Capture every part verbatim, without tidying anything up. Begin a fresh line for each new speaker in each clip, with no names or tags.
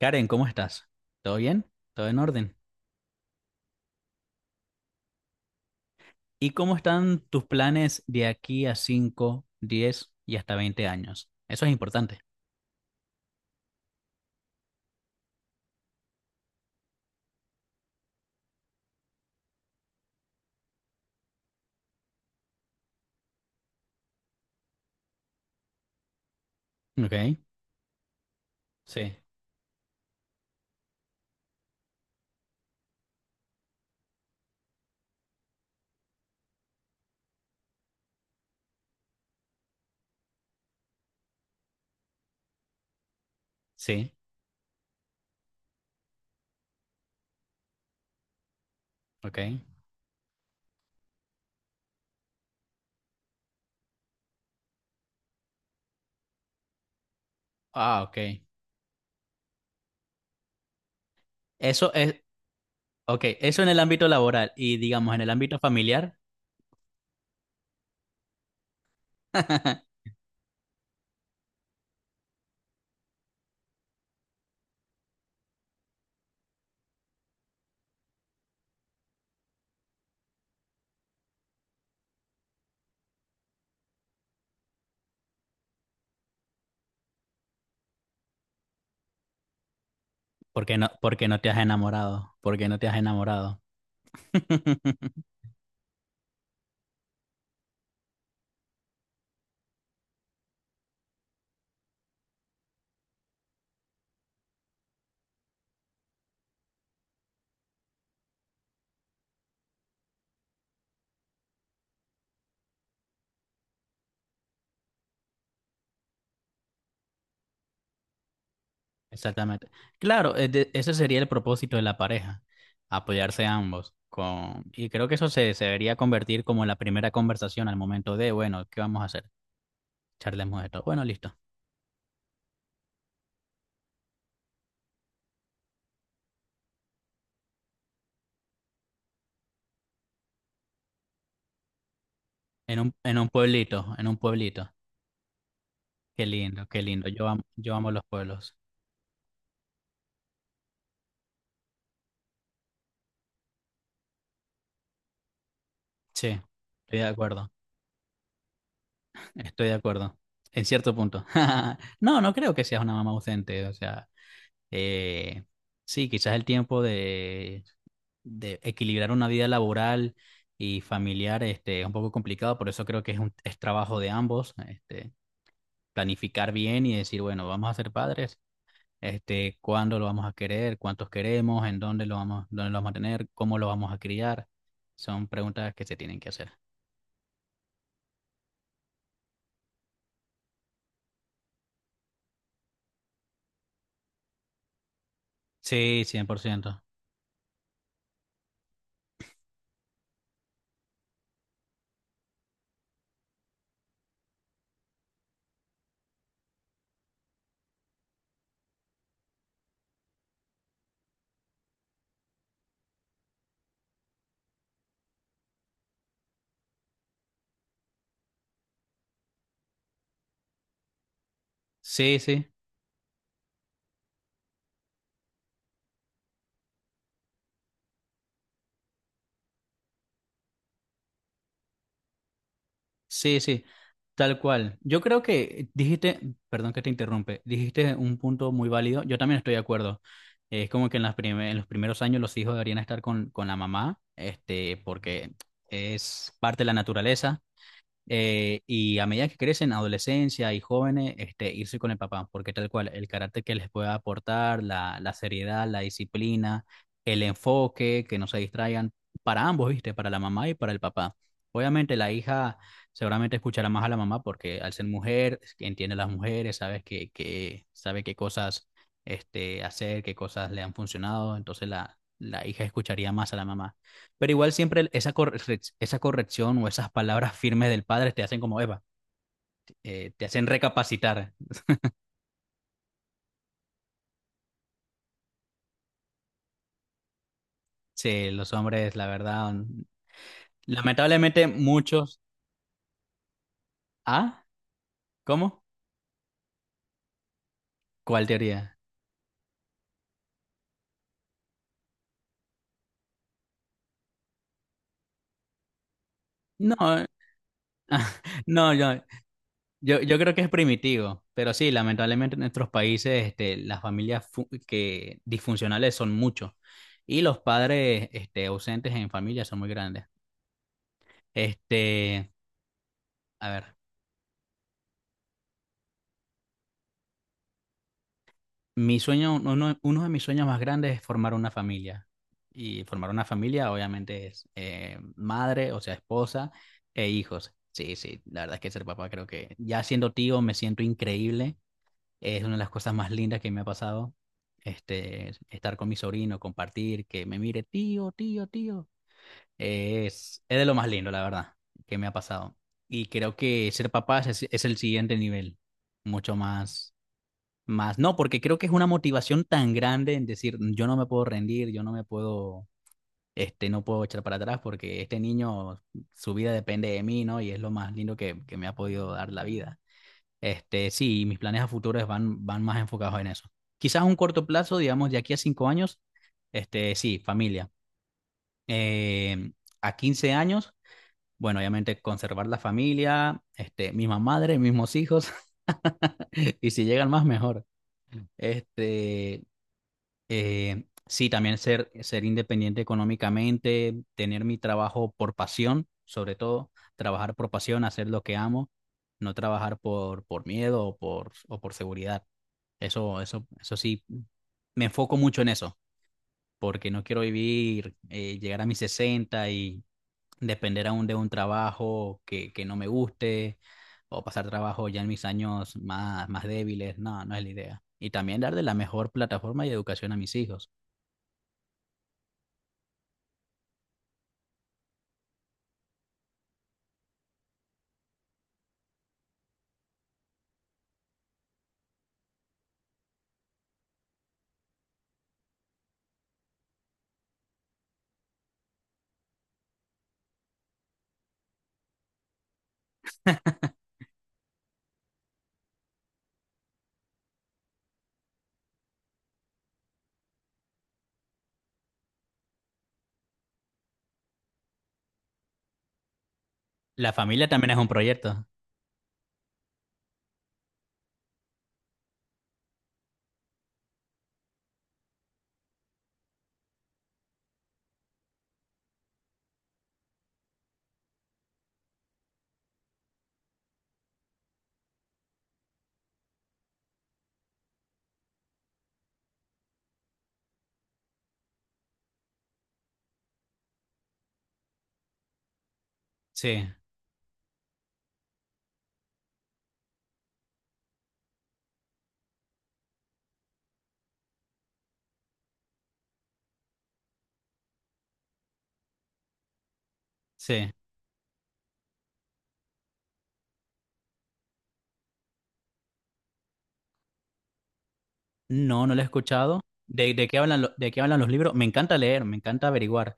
Karen, ¿cómo estás? ¿Todo bien? ¿Todo en orden? ¿Y cómo están tus planes de aquí a cinco, diez y hasta veinte años? Eso es importante. Ok, sí, sí, ok. Ah, ok. Eso es, ok, eso en el ámbito laboral y digamos en el ámbito familiar. ¿Por qué no, por qué no te has enamorado? ¿Por qué no te has enamorado? Exactamente. Claro, eh, de- ese sería el propósito de la pareja, apoyarse ambos. Con... Y creo que eso se, se debería convertir como la primera conversación al momento de, bueno, ¿qué vamos a hacer? Charlemos de esto. Bueno, listo. En un, en un pueblito, en un pueblito. Qué lindo, qué lindo. Yo amo, yo amo los pueblos. Sí, estoy de acuerdo, estoy de acuerdo. En cierto punto. No, no creo que seas una mamá ausente. O sea, Eh, sí, quizás el tiempo de, de equilibrar una vida laboral y familiar este, es un poco complicado, por eso creo que es un es trabajo de ambos, este, planificar bien y decir, bueno, vamos a ser padres, este, cuándo lo vamos a querer, cuántos queremos, en dónde lo vamos, dónde lo vamos a tener, cómo lo vamos a criar. Son preguntas que se tienen que hacer. Sí, cien por ciento. Sí, sí. Sí, sí, tal cual. Yo creo que dijiste, perdón que te interrumpe, dijiste un punto muy válido. Yo también estoy de acuerdo. Es como que en las prime- en los primeros años los hijos deberían estar con, con la mamá, este, porque es parte de la naturaleza eh, y a medida que crecen, adolescencia y jóvenes, este, irse con el papá, porque tal cual, el carácter que les pueda aportar, la, la seriedad, la disciplina, el enfoque, que no se distraigan, para ambos, ¿viste? Para la mamá y para el papá. Obviamente la hija seguramente escuchará más a la mamá porque al ser mujer, entiende a las mujeres, sabe que, que, sabe qué cosas este, hacer, qué cosas le han funcionado, entonces la, la hija escucharía más a la mamá. Pero igual siempre esa, corre- esa corrección o esas palabras firmes del padre te hacen como, Eva, eh, te hacen recapacitar. Sí, los hombres, la verdad, mm, lamentablemente muchos... ¿Ah? ¿Cómo? ¿Cuál teoría? No, no, yo, yo, yo creo que es primitivo, pero sí, lamentablemente en nuestros países este, las familias fu- que disfuncionales son muchos y los padres este, ausentes en familia son muy grandes. Este, a ver. Mi sueño, uno, uno de mis sueños más grandes es formar una familia. Y formar una familia obviamente es eh, madre, o sea, esposa e hijos. Sí, sí, la verdad es que ser papá creo que ya siendo tío me siento increíble. Es una de las cosas más lindas que me ha pasado. Este, estar con mi sobrino, compartir, que me mire tío, tío, tío. Es, es de lo más lindo, la verdad, que me ha pasado. Y creo que ser papá es, es el siguiente nivel, mucho más más no, porque creo que es una motivación tan grande en decir, "Mm, yo no me puedo rendir, yo no me puedo, este, no puedo echar para atrás porque este niño, su vida depende de mí, ¿no?" Y es lo más lindo que, que me ha podido dar la vida. Este, sí, mis planes a futuros van, van más enfocados en eso. Quizás a un corto plazo, digamos, de aquí a cinco años, este, sí, familia. Eh, a quince años, bueno, obviamente conservar la familia, este, misma madre, mismos hijos, y si llegan más, mejor. Este, Eh, sí, también ser, ser independiente económicamente, tener mi trabajo por pasión, sobre todo, trabajar por pasión, hacer lo que amo, no trabajar por, por miedo o por, o por seguridad. Eso, eso, eso sí, me enfoco mucho en eso, porque no quiero vivir, eh, llegar a mis sesenta y depender aún de un trabajo que, que no me guste o pasar trabajo ya en mis años más, más débiles. No, no es la idea. Y también darle la mejor plataforma y educación a mis hijos. La familia también es un proyecto. Sí, sí. No, no lo he escuchado. ¿De, de qué hablan, lo- de qué hablan los libros? Me encanta leer, me encanta averiguar.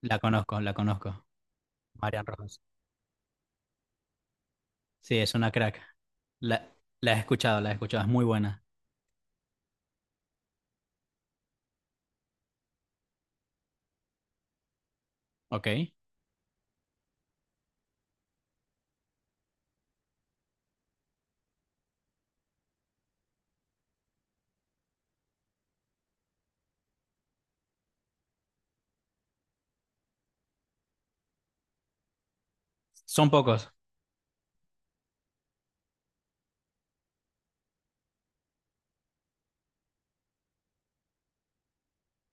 La conozco, la conozco. Marian Rojas. Sí, es una crack. La, la he escuchado, la he escuchado. Es muy buena. Ok. Son pocos.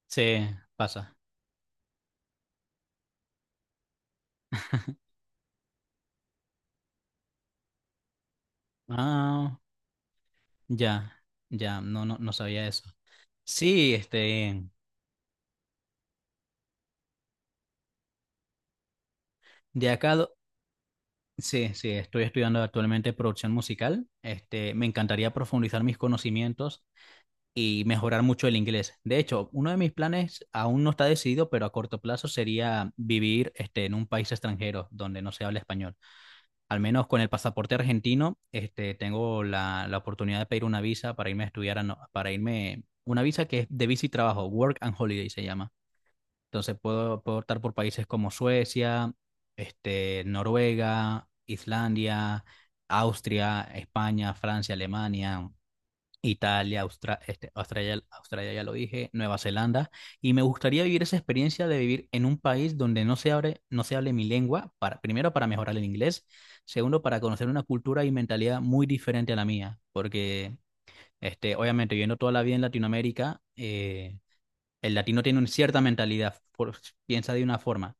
Sí, pasa. Ah, ya, ya. No, no, no sabía eso. Sí, este, de acá, do- sí, sí, estoy estudiando actualmente producción musical. Este, me encantaría profundizar mis conocimientos y mejorar mucho el inglés. De hecho, uno de mis planes aún no está decidido, pero a corto plazo sería vivir este, en un país extranjero donde no se habla español. Al menos con el pasaporte argentino, este, tengo la, la oportunidad de pedir una visa para irme a estudiar, a no- para irme, una visa que es de visa y trabajo, Work and Holiday se llama. Entonces puedo, puedo optar por países como Suecia, este, Noruega, Islandia, Austria, España, Francia, Alemania. Italia, Austra- este, Australia, Australia ya lo dije, Nueva Zelanda, y me gustaría vivir esa experiencia de vivir en un país donde no se abre, no se hable mi lengua, para, primero para mejorar el inglés, segundo para conocer una cultura y mentalidad muy diferente a la mía, porque este, obviamente viviendo toda la vida en Latinoamérica, eh, el latino tiene una cierta mentalidad, por- piensa de una forma,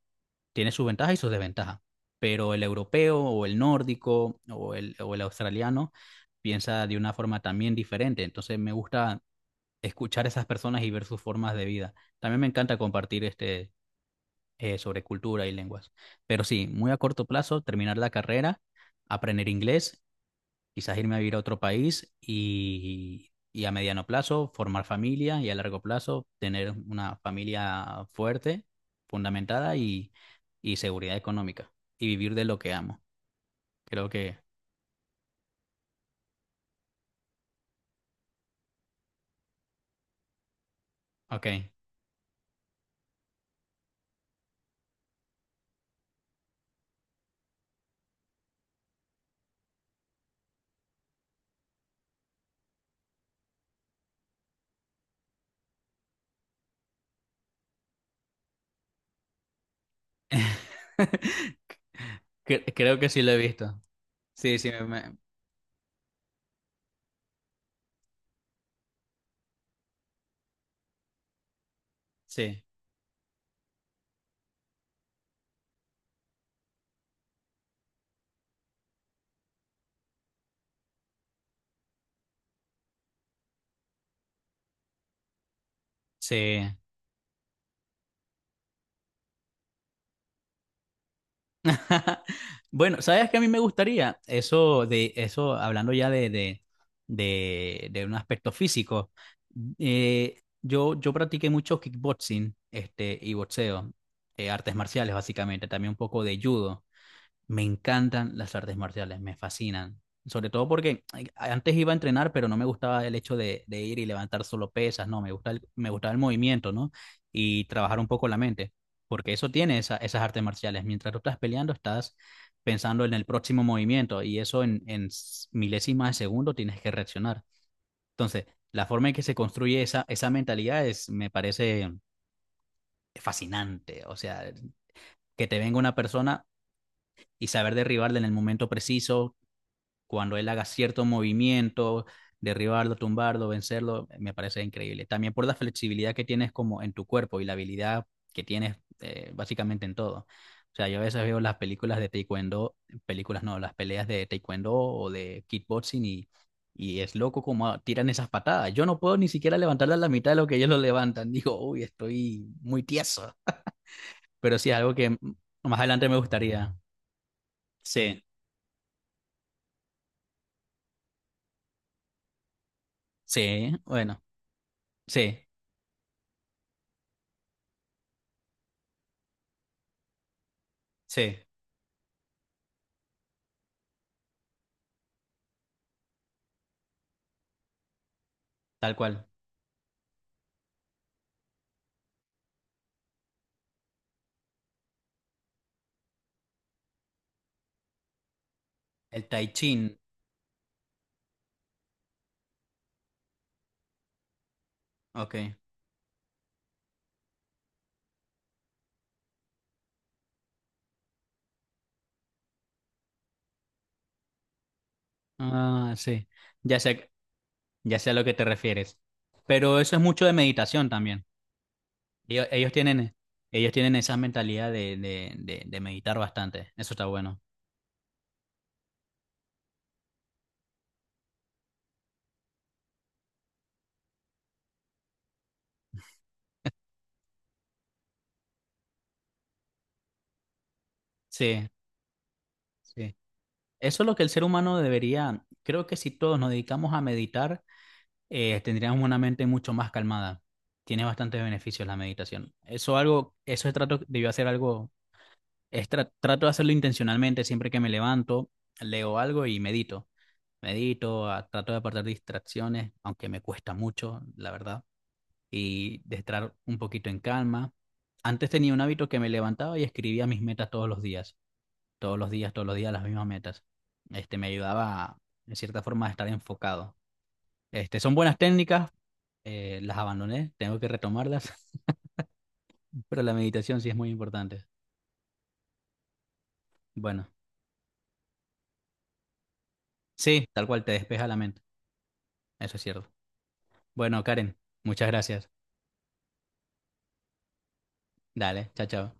tiene sus ventajas y sus desventajas, pero el europeo o el nórdico o el, o el australiano piensa de una forma también diferente. Entonces me gusta escuchar a esas personas y ver sus formas de vida. También me encanta compartir este, eh, sobre cultura y lenguas. Pero sí, muy a corto plazo, terminar la carrera, aprender inglés, quizás irme a vivir a otro país y, y a mediano plazo formar familia y a largo plazo tener una familia fuerte, fundamentada y, y seguridad económica y vivir de lo que amo. Creo que, ok. Cre- Creo que sí lo he visto. Sí, sí, me- me- sí, sí. Bueno, ¿sabes qué a mí me gustaría? Eso de eso, hablando ya de, de, de, de un aspecto físico. Eh, yo, yo practiqué mucho kickboxing, este, y boxeo, eh, artes marciales, básicamente, también un poco de judo. Me encantan las artes marciales, me fascinan. Sobre todo porque ay, antes iba a entrenar, pero no me gustaba el hecho de, de ir y levantar solo pesas, no, me gusta el, me gustaba el movimiento, ¿no? Y trabajar un poco la mente, porque eso tiene esa- esas artes marciales. Mientras tú estás peleando, estás pensando en el próximo movimiento y eso en, en s- milésimas de segundo tienes que reaccionar. Entonces, la forma en que se construye esa, esa mentalidad es, me parece fascinante. O sea, que te venga una persona y saber derribarla en el momento preciso, cuando él haga cierto movimiento, derribarlo, tumbarlo, vencerlo, me parece increíble. También por la flexibilidad que tienes como en tu cuerpo y la habilidad que tienes eh, básicamente en todo. O sea, yo a veces veo las películas de taekwondo, películas no, las peleas de taekwondo o de kickboxing y, y es loco como tiran esas patadas. Yo no puedo ni siquiera levantarlas a la mitad de lo que ellos lo levantan. Digo, uy, estoy muy tieso. Pero sí, algo que más adelante me gustaría. Sí, sí, bueno, sí, sí, tal cual. El Tai Chin, ok. Ah, sí. Ya sé, ya sé a lo que te refieres. Pero eso es mucho de meditación también. Ellos, ellos tienen, ellos tienen esa mentalidad de, de, de, de meditar bastante. Eso está bueno. Sí, sí. Eso es lo que el ser humano debería. Creo que si todos nos dedicamos a meditar, eh, tendríamos una mente mucho más calmada. Tiene bastantes beneficios la meditación. Eso algo, eso trato debió hacer algo es tra- trato de hacerlo intencionalmente siempre que me levanto, leo algo y medito. Medito, a- trato de apartar distracciones, aunque me cuesta mucho, la verdad, y de estar un poquito en calma. Antes tenía un hábito que me levantaba y escribía mis metas todos los días, todos los días, todos los días las mismas metas. Este me ayudaba, en cierta forma, a estar enfocado. Este, son buenas técnicas, eh, las abandoné, tengo que retomarlas, pero la meditación sí es muy importante. Bueno, sí, tal cual te despeja la mente, eso es cierto. Bueno, Karen, muchas gracias. Dale, chao, chao.